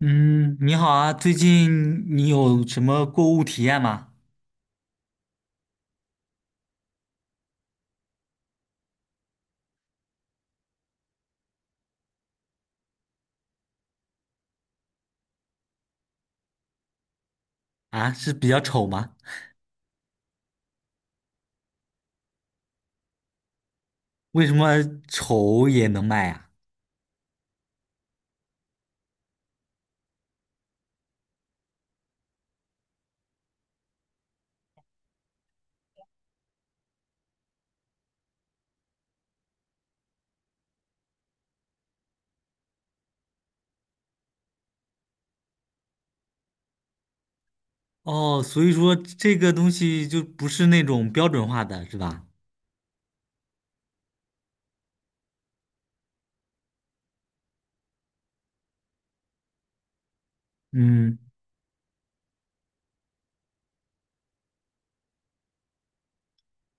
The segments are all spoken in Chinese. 嗯，你好啊，最近你有什么购物体验吗？啊，是比较丑吗？为什么丑也能卖呀？哦，所以说这个东西就不是那种标准化的，是吧？嗯，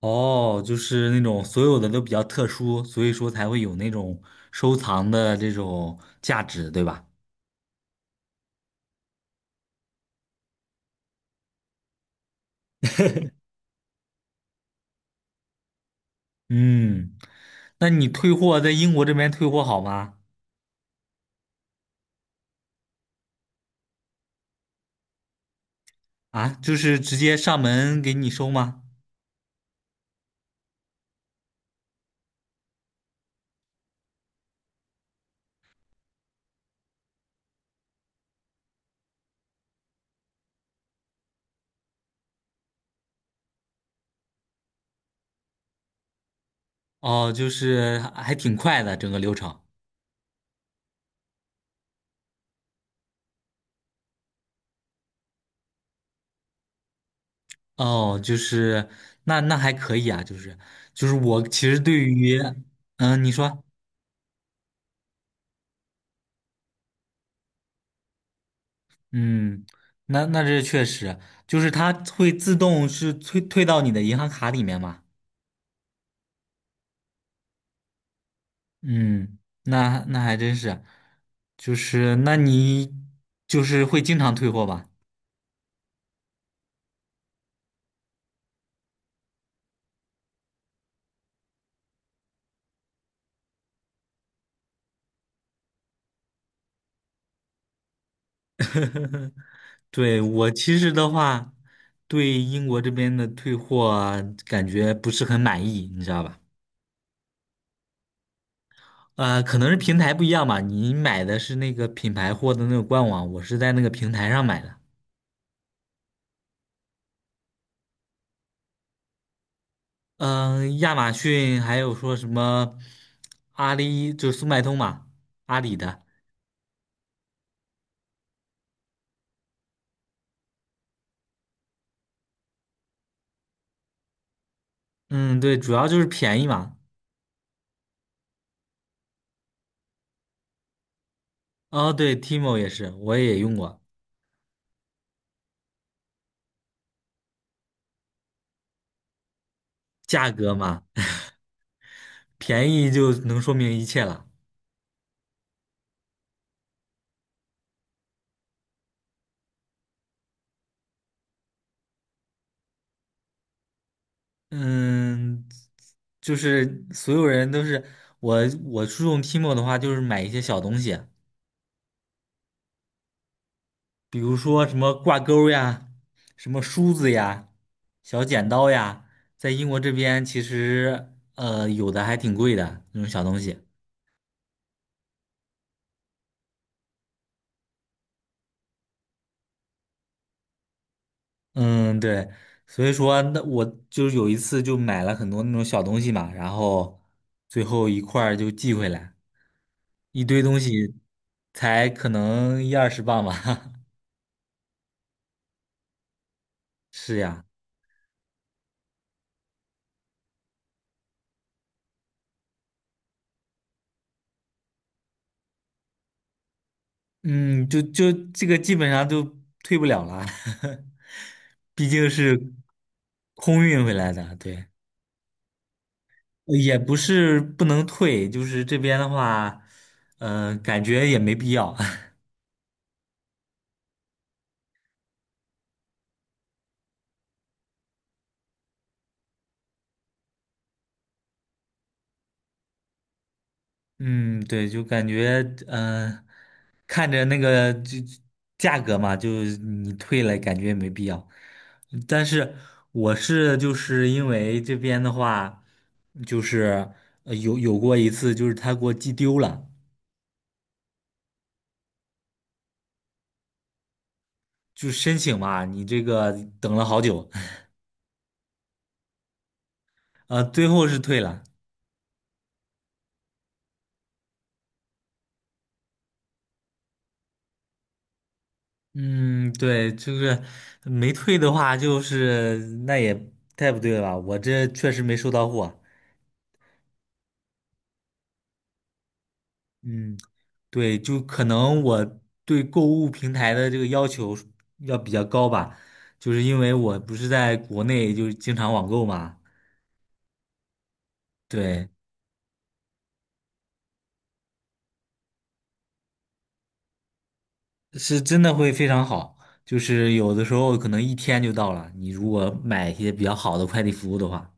哦，就是那种所有的都比较特殊，所以说才会有那种收藏的这种价值，对吧？嗯，那你退货在英国这边退货好吗？啊，就是直接上门给你收吗？哦，就是还挺快的整个流程。哦，就是那那还可以啊，就是就是我其实对于，嗯，你说，嗯，那那这确实就是它会自动是退到你的银行卡里面嘛。嗯，那那还真是，就是那你就是会经常退货吧？对，我其实的话，对英国这边的退货啊感觉不是很满意，你知道吧？啊、可能是平台不一样吧。你买的是那个品牌货的那个官网，我是在那个平台上买的。嗯、亚马逊还有说什么阿里，就是速卖通嘛，阿里的。嗯，对，主要就是便宜嘛。哦，对，Timo 也是，我也用过，价格嘛，便宜就能说明一切了。嗯，就是所有人都是我，我注重 Timo 的话，就是买一些小东西。比如说什么挂钩呀，什么梳子呀，小剪刀呀，在英国这边其实有的还挺贵的那种小东西。嗯，对，所以说那我就是有一次就买了很多那种小东西嘛，然后最后一块儿就寄回来，一堆东西才可能一二十磅吧。是呀，嗯，就这个基本上就退不了了。毕竟是空运回来的，对，也不是不能退，就是这边的话，嗯、感觉也没必要。嗯，对，就感觉嗯、看着那个就价格嘛，就你退了，感觉也没必要。但是我是就是因为这边的话，就是有过一次，就是他给我寄丢了，就申请嘛，你这个等了好久，最后是退了。嗯，对，就是没退的话，就是那也太不对了吧？我这确实没收到货。嗯，对，就可能我对购物平台的这个要求要比较高吧，就是因为我不是在国内就是经常网购嘛，对，是真的会非常好，就是有的时候可能一天就到了，你如果买一些比较好的快递服务的话。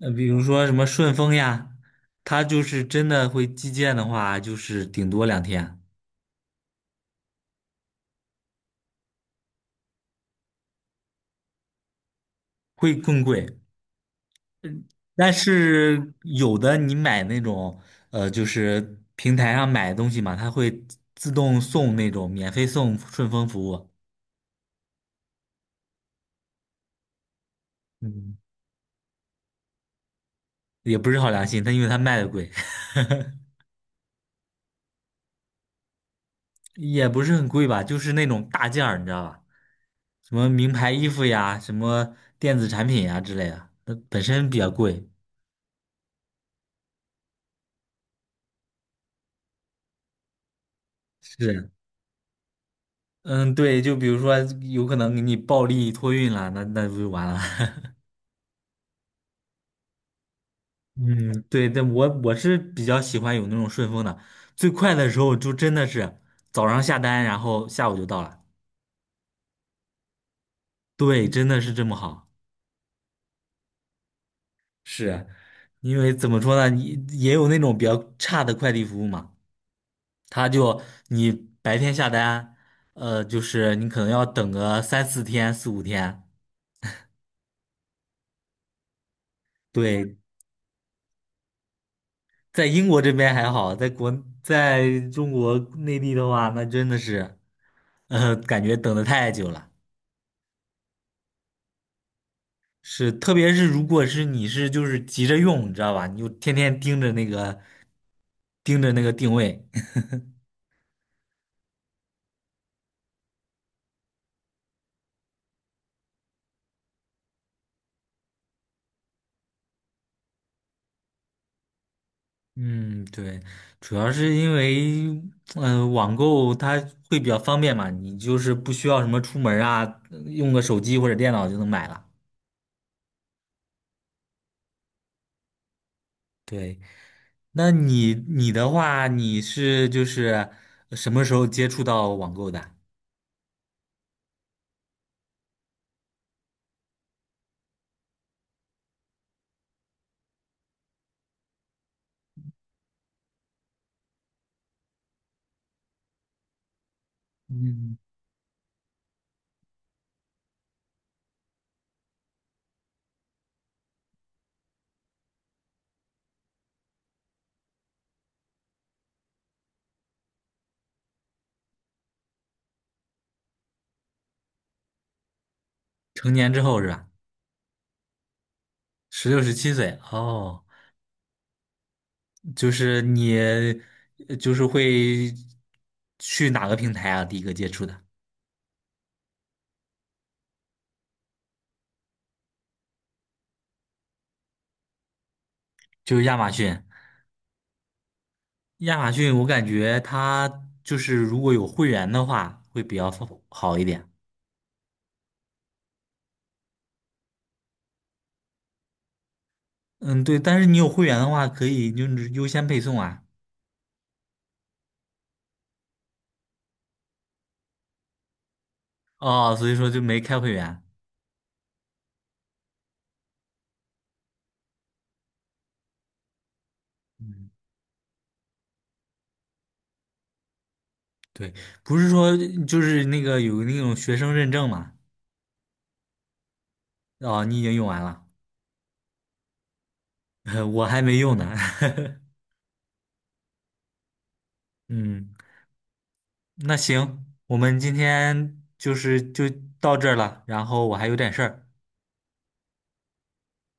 比如说什么顺丰呀，它就是真的会寄件的话，就是顶多两天，会更贵。但是有的你买那种，就是平台上买东西嘛，它会自动送那种免费送顺丰服务，嗯，也不是好良心，它因为它卖的贵，也不是很贵吧，就是那种大件儿，你知道吧？什么名牌衣服呀，什么电子产品呀之类的，它本身比较贵。是。嗯，对，就比如说有可能给你暴力托运了，那不就完了？嗯，对，但我是比较喜欢有那种顺丰的，最快的时候就真的是早上下单，然后下午就到了。对，真的是这么好。是，因为怎么说呢，你也有那种比较差的快递服务嘛，他就你白天下单，就是你可能要等个三四天、四五天。对，在英国这边还好，在中国内地的话，那真的是，感觉等的太久了。是，特别是如果是你是就是急着用，你知道吧？你就天天盯着那个定位。嗯，对，主要是因为，嗯、网购它会比较方便嘛，你就是不需要什么出门儿啊，用个手机或者电脑就能买了。对。那你的话，你是就是什么时候接触到网购的？嗯，成年之后是吧？十六、十七岁哦，就是你就是会去哪个平台啊？第一个接触的就是亚马逊。亚马逊我感觉它就是如果有会员的话会比较好一点。嗯，对，但是你有会员的话可以就是优先配送啊。哦，所以说就没开会员。对，不是说就是那个有那种学生认证嘛？哦，你已经用完了，我还没用呢。嗯，那行，我们今天就是就到这儿了，然后我还有点事儿。